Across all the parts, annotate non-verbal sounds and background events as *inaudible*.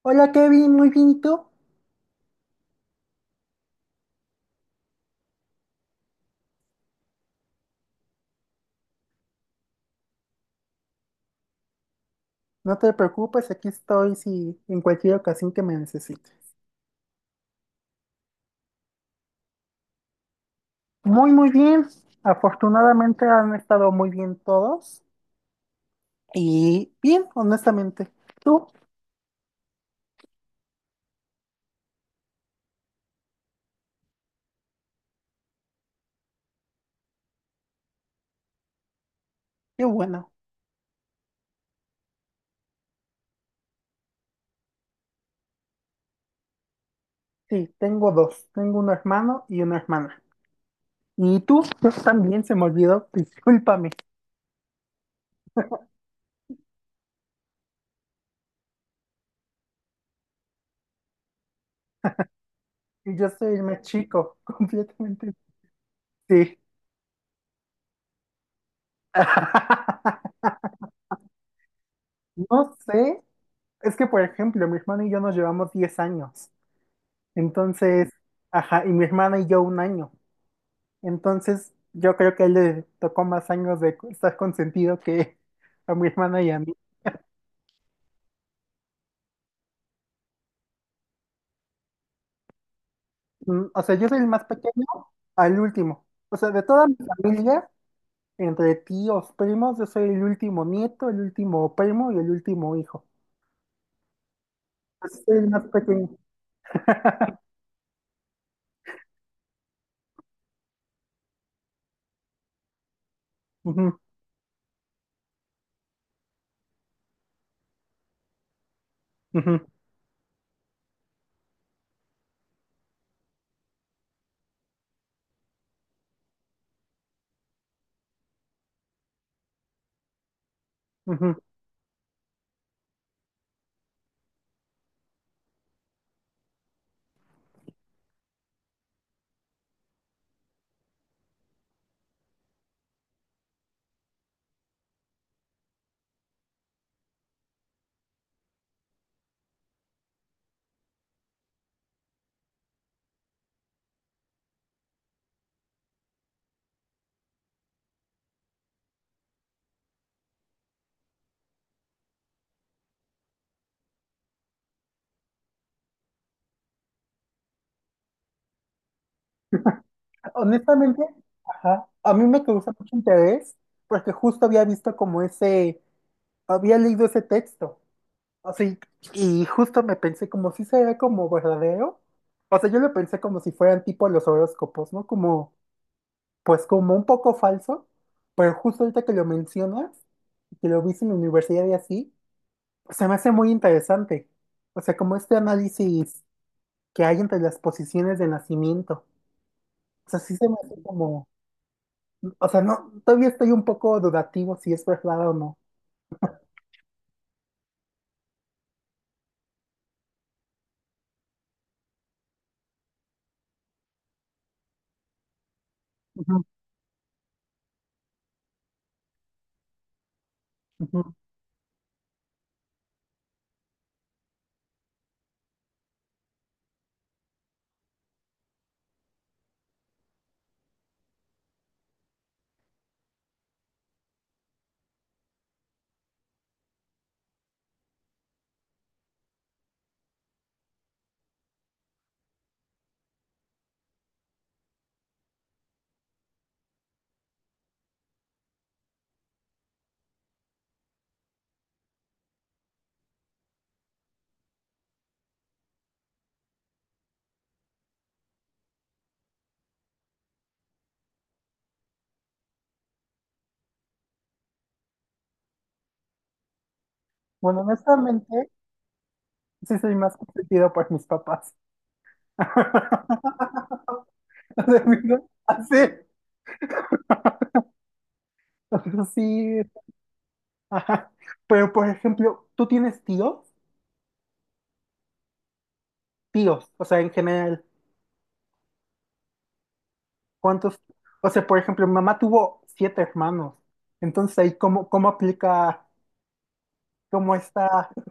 Hola Kevin, muy bien, ¿y tú? No te preocupes, aquí estoy si en cualquier ocasión que me necesites. Muy, muy bien. Afortunadamente han estado muy bien todos. Y bien, honestamente. ¿Tú? Qué bueno. Sí, tengo dos. Tengo un hermano y una hermana. ¿Y tú? Yo también se me olvidó. Discúlpame. Y yo soy el más chico, *laughs* completamente. Sí. *laughs* No sé. Es que, por ejemplo, mi hermano y yo nos llevamos 10 años. Entonces, ajá, y mi hermana y yo un año. Entonces, yo creo que a él le tocó más años de estar consentido que *laughs* a mi hermana y a mí. O sea, yo soy el más pequeño al último. O sea, de toda mi familia, entre tíos, primos, yo soy el último nieto, el último primo y el último hijo. Entonces, soy el más pequeño. *laughs* Ujú, ujú, ujú. Honestamente, ajá, a mí me causa mucho interés porque justo había visto como ese, había leído ese texto. Así, y justo me pensé como si sería como verdadero. O sea, yo lo pensé como si fueran tipo los horóscopos, ¿no? Como, pues como un poco falso, pero justo ahorita que lo mencionas, que lo viste en la universidad y así, se me hace muy interesante. O sea, como este análisis que hay entre las posiciones de nacimiento. O sea, sí se me hace como, o sea, no, todavía estoy un poco dudativo si es verdad o no. Ujú, ujú. Bueno, honestamente, sí soy más consentido por mis papás. *laughs* *laughs* Así, así, ajá. Pero por ejemplo, ¿tú tienes tíos? Tíos, o sea, en general, ¿cuántos? O sea, por ejemplo, mi mamá tuvo siete hermanos. Entonces ahí, ¿cómo, cómo aplica, cómo está? *laughs*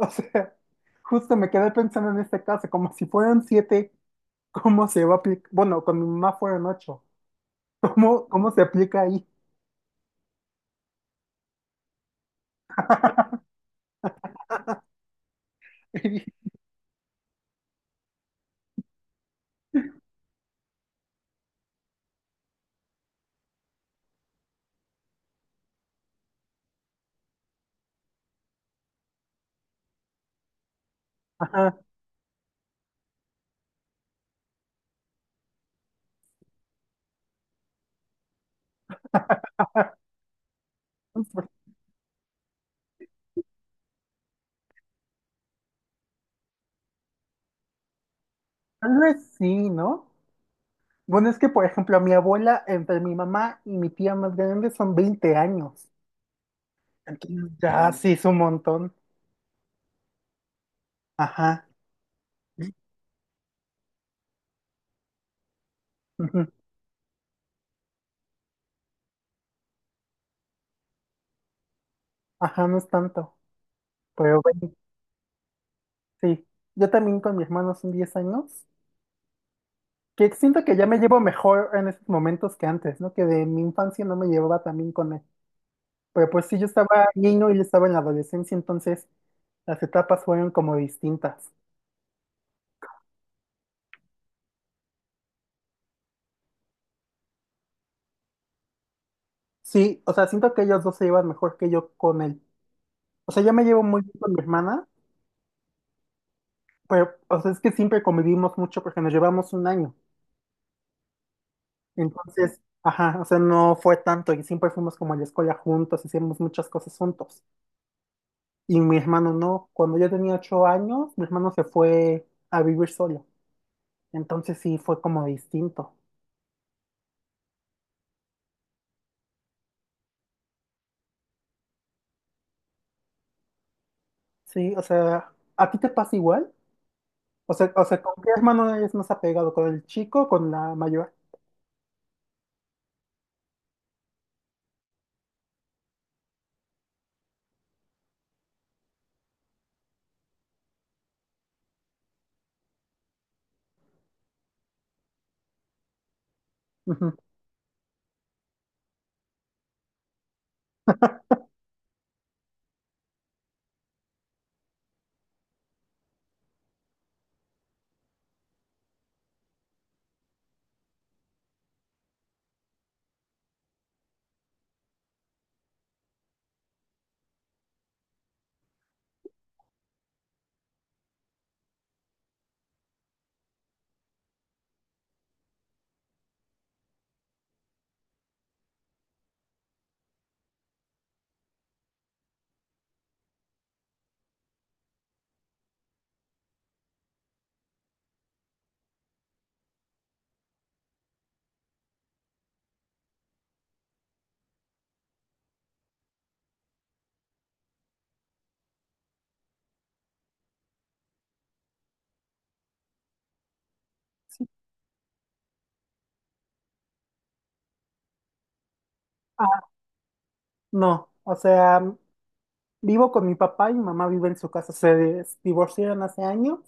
O sea, justo me quedé pensando en este caso, como si fueran siete, ¿cómo se va a aplicar? Bueno, con mi mamá fueron ocho. ¿Cómo, cómo se aplica ahí? *laughs* Ajá. Pues, tal vez sí, ¿no? Bueno, es que, por ejemplo, mi abuela, entre mi mamá y mi tía más grande son 20 años. Entonces, ya sí es un montón. Ajá. Ujú. Ajá, no es tanto. Pero bueno, sí. Yo también con mi hermano son 10 años. Que siento que ya me llevo mejor en estos momentos que antes, ¿no? Que de mi infancia no me llevaba también con él. Pero pues sí, yo estaba niño y él estaba en la adolescencia, entonces las etapas fueron como distintas. Sí, o sea, siento que ellos dos se llevan mejor que yo con él. O sea, yo me llevo muy bien con mi hermana. Pero, o sea, es que siempre convivimos mucho porque nos llevamos un año. Entonces, ajá, o sea, no fue tanto y siempre fuimos como a la escuela juntos, hicimos muchas cosas juntos. Y mi hermano no. Cuando yo tenía 8 años, mi hermano se fue a vivir solo. Entonces sí fue como distinto. Sí, o sea, ¿a ti te pasa igual? O sea, ¿con qué hermano eres más apegado? ¿Con el chico o con la mayor? Ujú. Sí. Ah, no, o sea, vivo con mi papá y mi mamá vive en su casa. Se divorciaron hace años.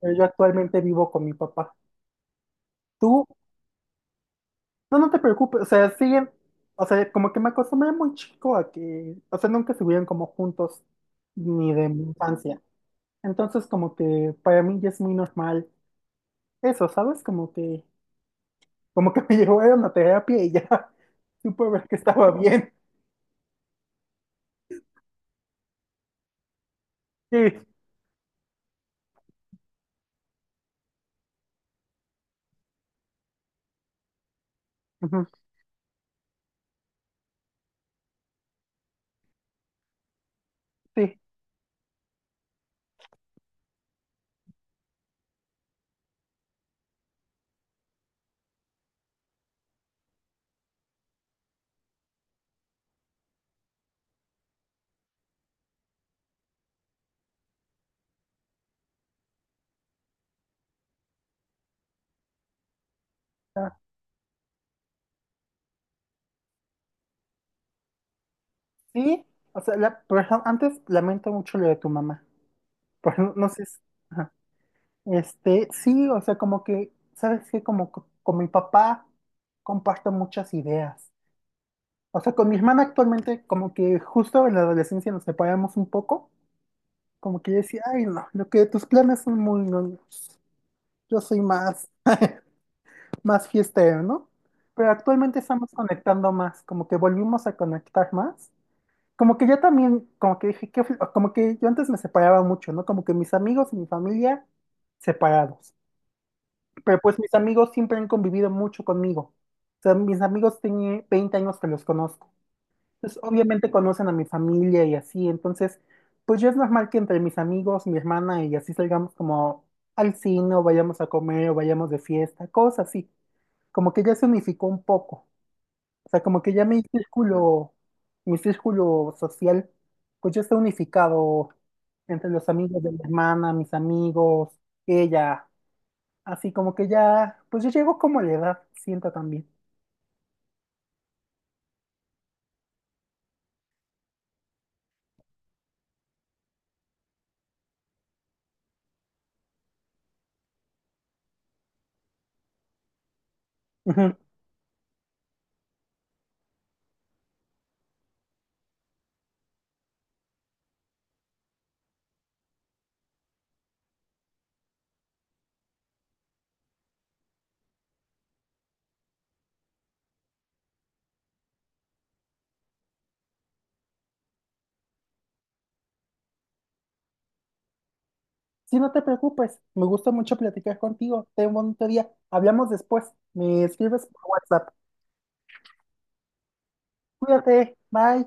Pero yo actualmente vivo con mi papá. Tú, no, no te preocupes, o sea, siguen, o sea, como que me acostumbré muy chico a que, o sea, nunca estuvieron como juntos, ni de mi infancia. Entonces, como que para mí ya es muy normal eso, ¿sabes? Como que me *laughs* llevaron a terapia y ya *laughs* supe ver que estaba bien. Sí, ujú, sí, ah, sí, o sea, la, pero antes lamento mucho lo de tu mamá, pero no, no sé, ajá. Este, sí, o sea, como que, ¿sabes qué? Como con mi papá comparto muchas ideas. O sea, con mi hermana actualmente, como que justo en la adolescencia nos separamos un poco, como que yo decía, ay, no, lo que tus planes son muy, no, yo soy más, más fiestero, ¿no? Pero actualmente estamos conectando más, como que volvimos a conectar más. Como que yo también, como que dije, qué como que yo antes me separaba mucho, ¿no? Como que mis amigos y mi familia separados. Pero pues mis amigos siempre han convivido mucho conmigo. O sea, mis amigos tienen 20 años que los conozco. Entonces, obviamente conocen a mi familia y así. Entonces, pues ya es normal que entre mis amigos, mi hermana y así salgamos como al cine o vayamos a comer o vayamos de fiesta, cosas así. Como que ya se unificó un poco. O sea, como que ya mi círculo social, pues ya está unificado entre los amigos de mi hermana, mis amigos, ella. Así como que ya, pues yo llego como a la edad, siento también. Ujú. Sí, no te preocupes, me gusta mucho platicar contigo. Ten un bonito día. Hablamos después. Me escribes por WhatsApp. Cuídate, bye.